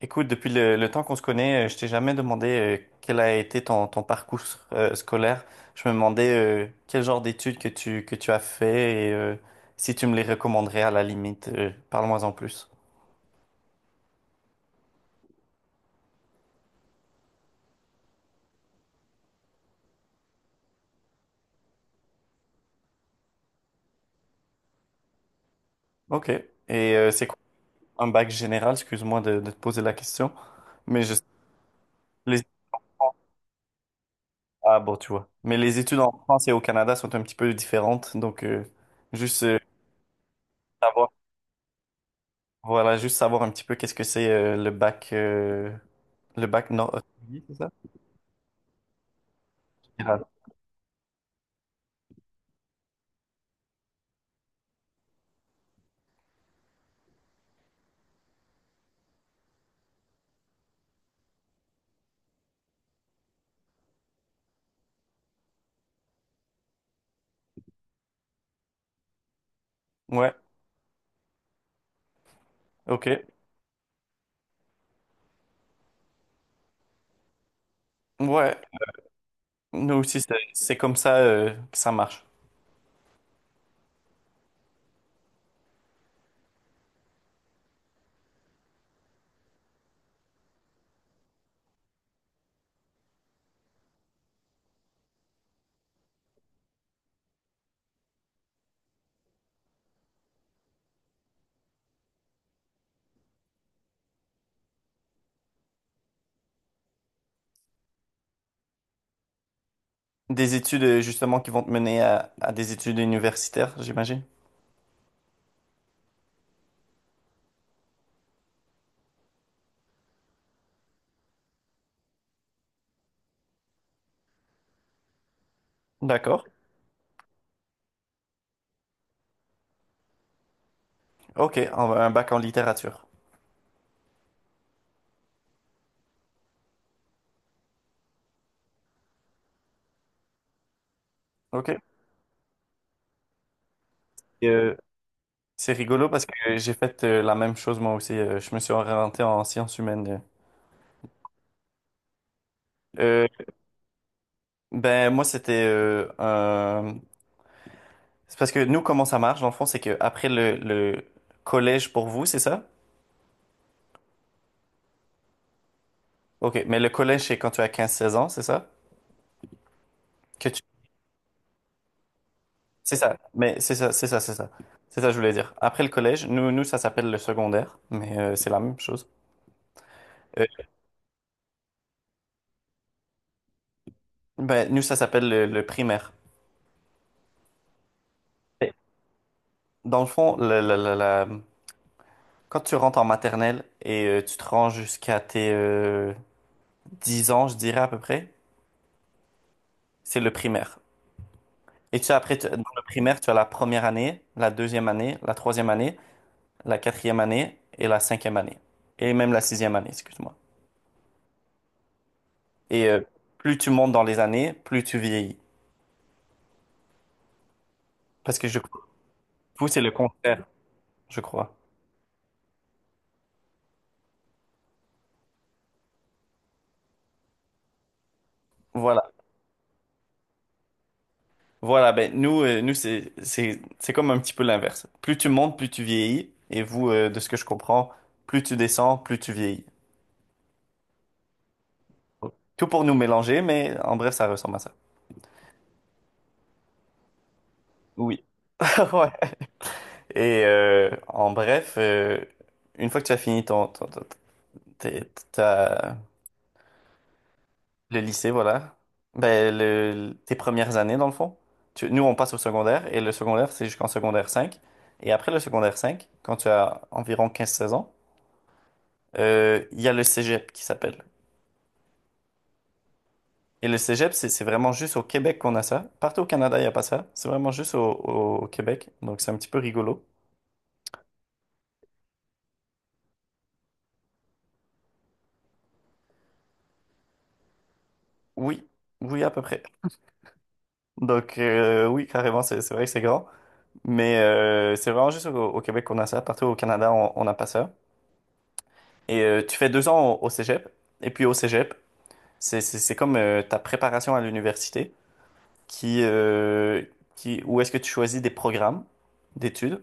Écoute, depuis le temps qu'on se connaît, je t'ai jamais demandé quel a été ton parcours scolaire. Je me demandais quel genre d'études que tu as fait et si tu me les recommanderais à la limite. Parle-moi en plus. Ok. Et c'est quoi un bac général? Excuse-moi de te poser la question, mais je les ah bon, tu vois. Mais les études en France et au Canada sont un petit peu différentes, donc juste savoir, voilà, juste savoir un petit peu qu'est-ce que c'est le bac nord. Oui, c'est ça? Ouais, ok. Ouais, nous aussi, c'est comme ça que ça marche. Des études, justement, qui vont te mener à des études universitaires, j'imagine. D'accord. Ok, un bac en littérature. Ok. Et, c'est rigolo parce que j'ai fait la même chose moi aussi. Je me suis orienté en sciences humaines. Euh, ben, moi, c'était C'est parce que nous, comment ça marche, dans le fond, c'est que après le collège pour vous, c'est ça? Ok, mais le collège, c'est quand tu as 15 16 ans, c'est ça? Que tu C'est ça, mais c'est ça. C'est ça que je voulais dire. Après le collège, nous ça s'appelle le secondaire, mais c'est la même chose. Euh, ben, nous, ça s'appelle le primaire. Et dans le fond, quand tu rentres en maternelle et tu te rends jusqu'à tes 10 ans, je dirais à peu près, c'est le primaire. Et tu sais, après, dans le primaire, tu as la première année, la deuxième année, la troisième année, la quatrième année et la cinquième année. Et même la sixième année, excuse-moi. Et plus tu montes dans les années, plus tu vieillis. Parce que je Vous, c'est le contraire, je crois. Voilà. Voilà, ben nous, nous c'est comme un petit peu l'inverse. Plus tu montes, plus tu vieillis. Et vous, de ce que je comprends, plus tu descends, plus tu vieillis. Tout pour nous mélanger, mais en bref, ça ressemble à ça. Oui. Ouais. Et en bref, une fois que tu as fini tes- ta- Le lycée, voilà. Ben, le, tes premières années, dans le fond. Nous, on passe au secondaire, et le secondaire, c'est jusqu'en secondaire cinq. Et après le secondaire cinq, quand tu as environ 15 16 ans, il y a le cégep qui s'appelle. Et le cégep, c'est vraiment juste au Québec qu'on a ça. Partout au Canada, il n'y a pas ça. C'est vraiment juste au Québec. Donc, c'est un petit peu rigolo. Oui, oui, à peu près. Donc, oui, carrément, c'est vrai que c'est grand. Mais c'est vraiment juste au Québec qu'on a ça. Partout au Canada, on n'a pas ça. Et tu fais 2 ans au cégep. Et puis au cégep, c'est comme ta préparation à l'université qui, euh, où est-ce que tu choisis des programmes d'études.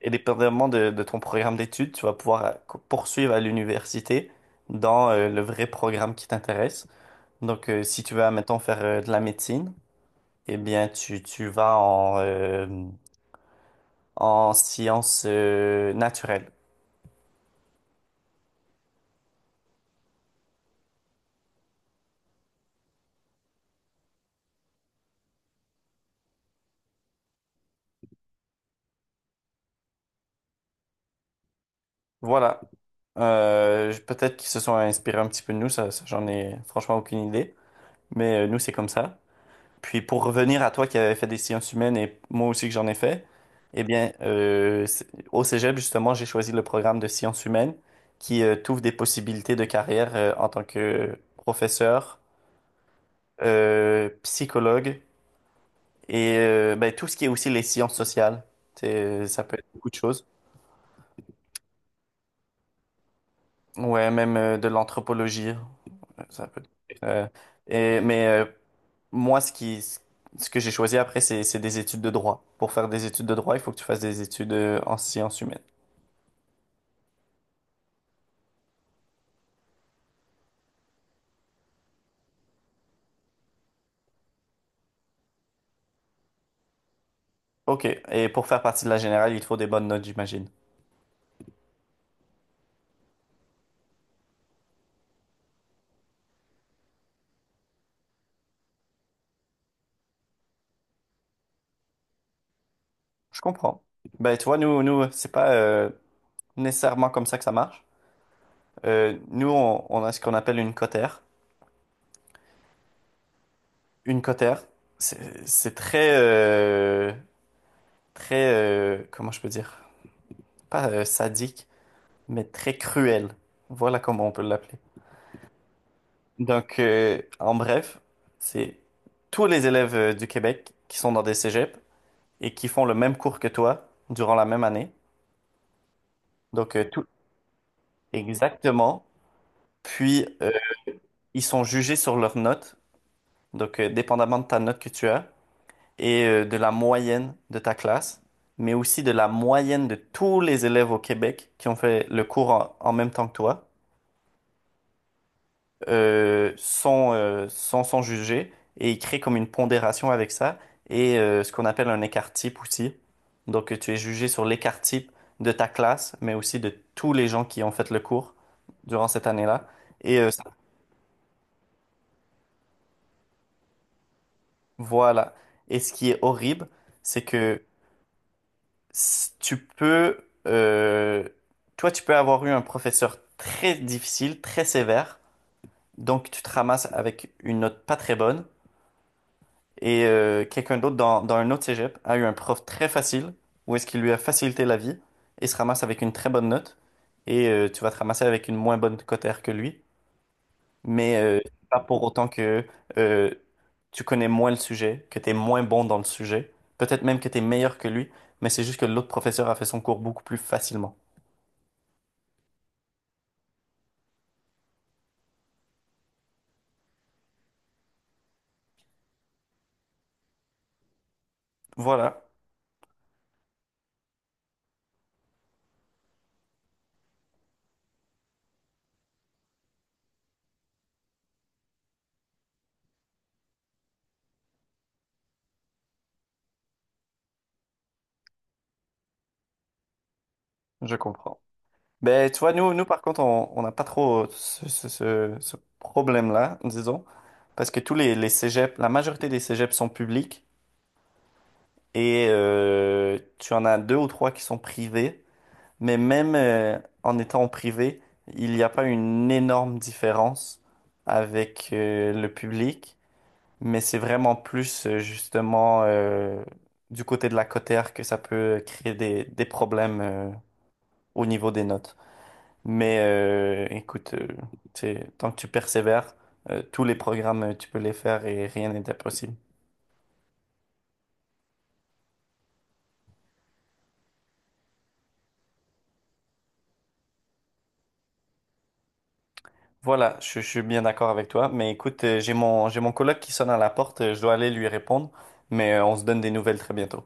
Et dépendamment de ton programme d'études, tu vas pouvoir poursuivre à l'université dans le vrai programme qui t'intéresse. Donc, si tu veux, admettons, faire de la médecine, eh bien, tu vas en, en sciences naturelles. Voilà. Peut-être qu'ils se sont inspirés un petit peu de nous, j'en ai franchement aucune idée. Mais nous, c'est comme ça. Puis pour revenir à toi qui avais fait des sciences humaines et moi aussi que j'en ai fait, eh bien, au Cégep, justement, j'ai choisi le programme de sciences humaines qui t'ouvre des possibilités de carrière en tant que professeur, psychologue et ben, tout ce qui est aussi les sciences sociales. Ça peut être beaucoup de choses. Ouais, même de l'anthropologie. Ça peut... Euh, et- mais euh, Moi, ce que j'ai choisi après, c'est des études de droit. Pour faire des études de droit, il faut que tu fasses des études en sciences humaines. Ok, et pour faire partie de la générale, il te faut des bonnes notes, j'imagine. Je comprends. Ben, tu vois, nous, c'est pas nécessairement comme ça que ça marche. Nous, on a ce qu'on appelle une cotère. Une cotère, c'est très, très, comment je peux dire? Pas sadique, mais très cruel. Voilà comment on peut l'appeler. Donc, en bref, c'est tous les élèves du Québec qui sont dans des cégeps et qui font le même cours que toi durant la même année. Donc, tout exactement. Puis, ils sont jugés sur leurs notes. Donc, dépendamment de ta note que tu as et de la moyenne de ta classe, mais aussi de la moyenne de tous les élèves au Québec qui ont fait le cours en en même temps que toi. Sans, sans s'en juger, et il crée comme une pondération avec ça et ce qu'on appelle un écart-type aussi. Donc tu es jugé sur l'écart-type de ta classe, mais aussi de tous les gens qui ont fait le cours durant cette année-là. Et euh, ça- voilà. Et ce qui est horrible, c'est que tu peux, toi, tu peux avoir eu un professeur très difficile, très sévère, donc tu te ramasses avec une note pas très bonne. Et quelqu'un d'autre dans un autre cégep a eu un prof très facile, où est-ce qu'il lui a facilité la vie et se ramasse avec une très bonne note. Et tu vas te ramasser avec une moins bonne cotère que lui. Mais c'est pas pour autant que euh, tu connais moins le sujet, que tu es moins bon dans le sujet. Peut-être même que tu es meilleur que lui, mais c'est juste que l'autre professeur a fait son cours beaucoup plus facilement. Voilà, je comprends. Ben, tu vois, nous par contre, on n'a pas trop ce, ce problème-là, disons, parce que les cégeps, la majorité des cégeps sont publics et tu en as deux ou trois qui sont privés, mais même en étant privé, il n'y a pas une énorme différence avec le public, mais c'est vraiment plus justement du côté de la cotère que ça peut créer des problèmes au niveau des notes. Mais écoute, tant que tu persévères, tous les programmes, tu peux les faire et rien n'est impossible. Voilà, je suis bien d'accord avec toi. Mais écoute, j'ai mon coloc qui sonne à la porte, je dois aller lui répondre, mais on se donne des nouvelles très bientôt.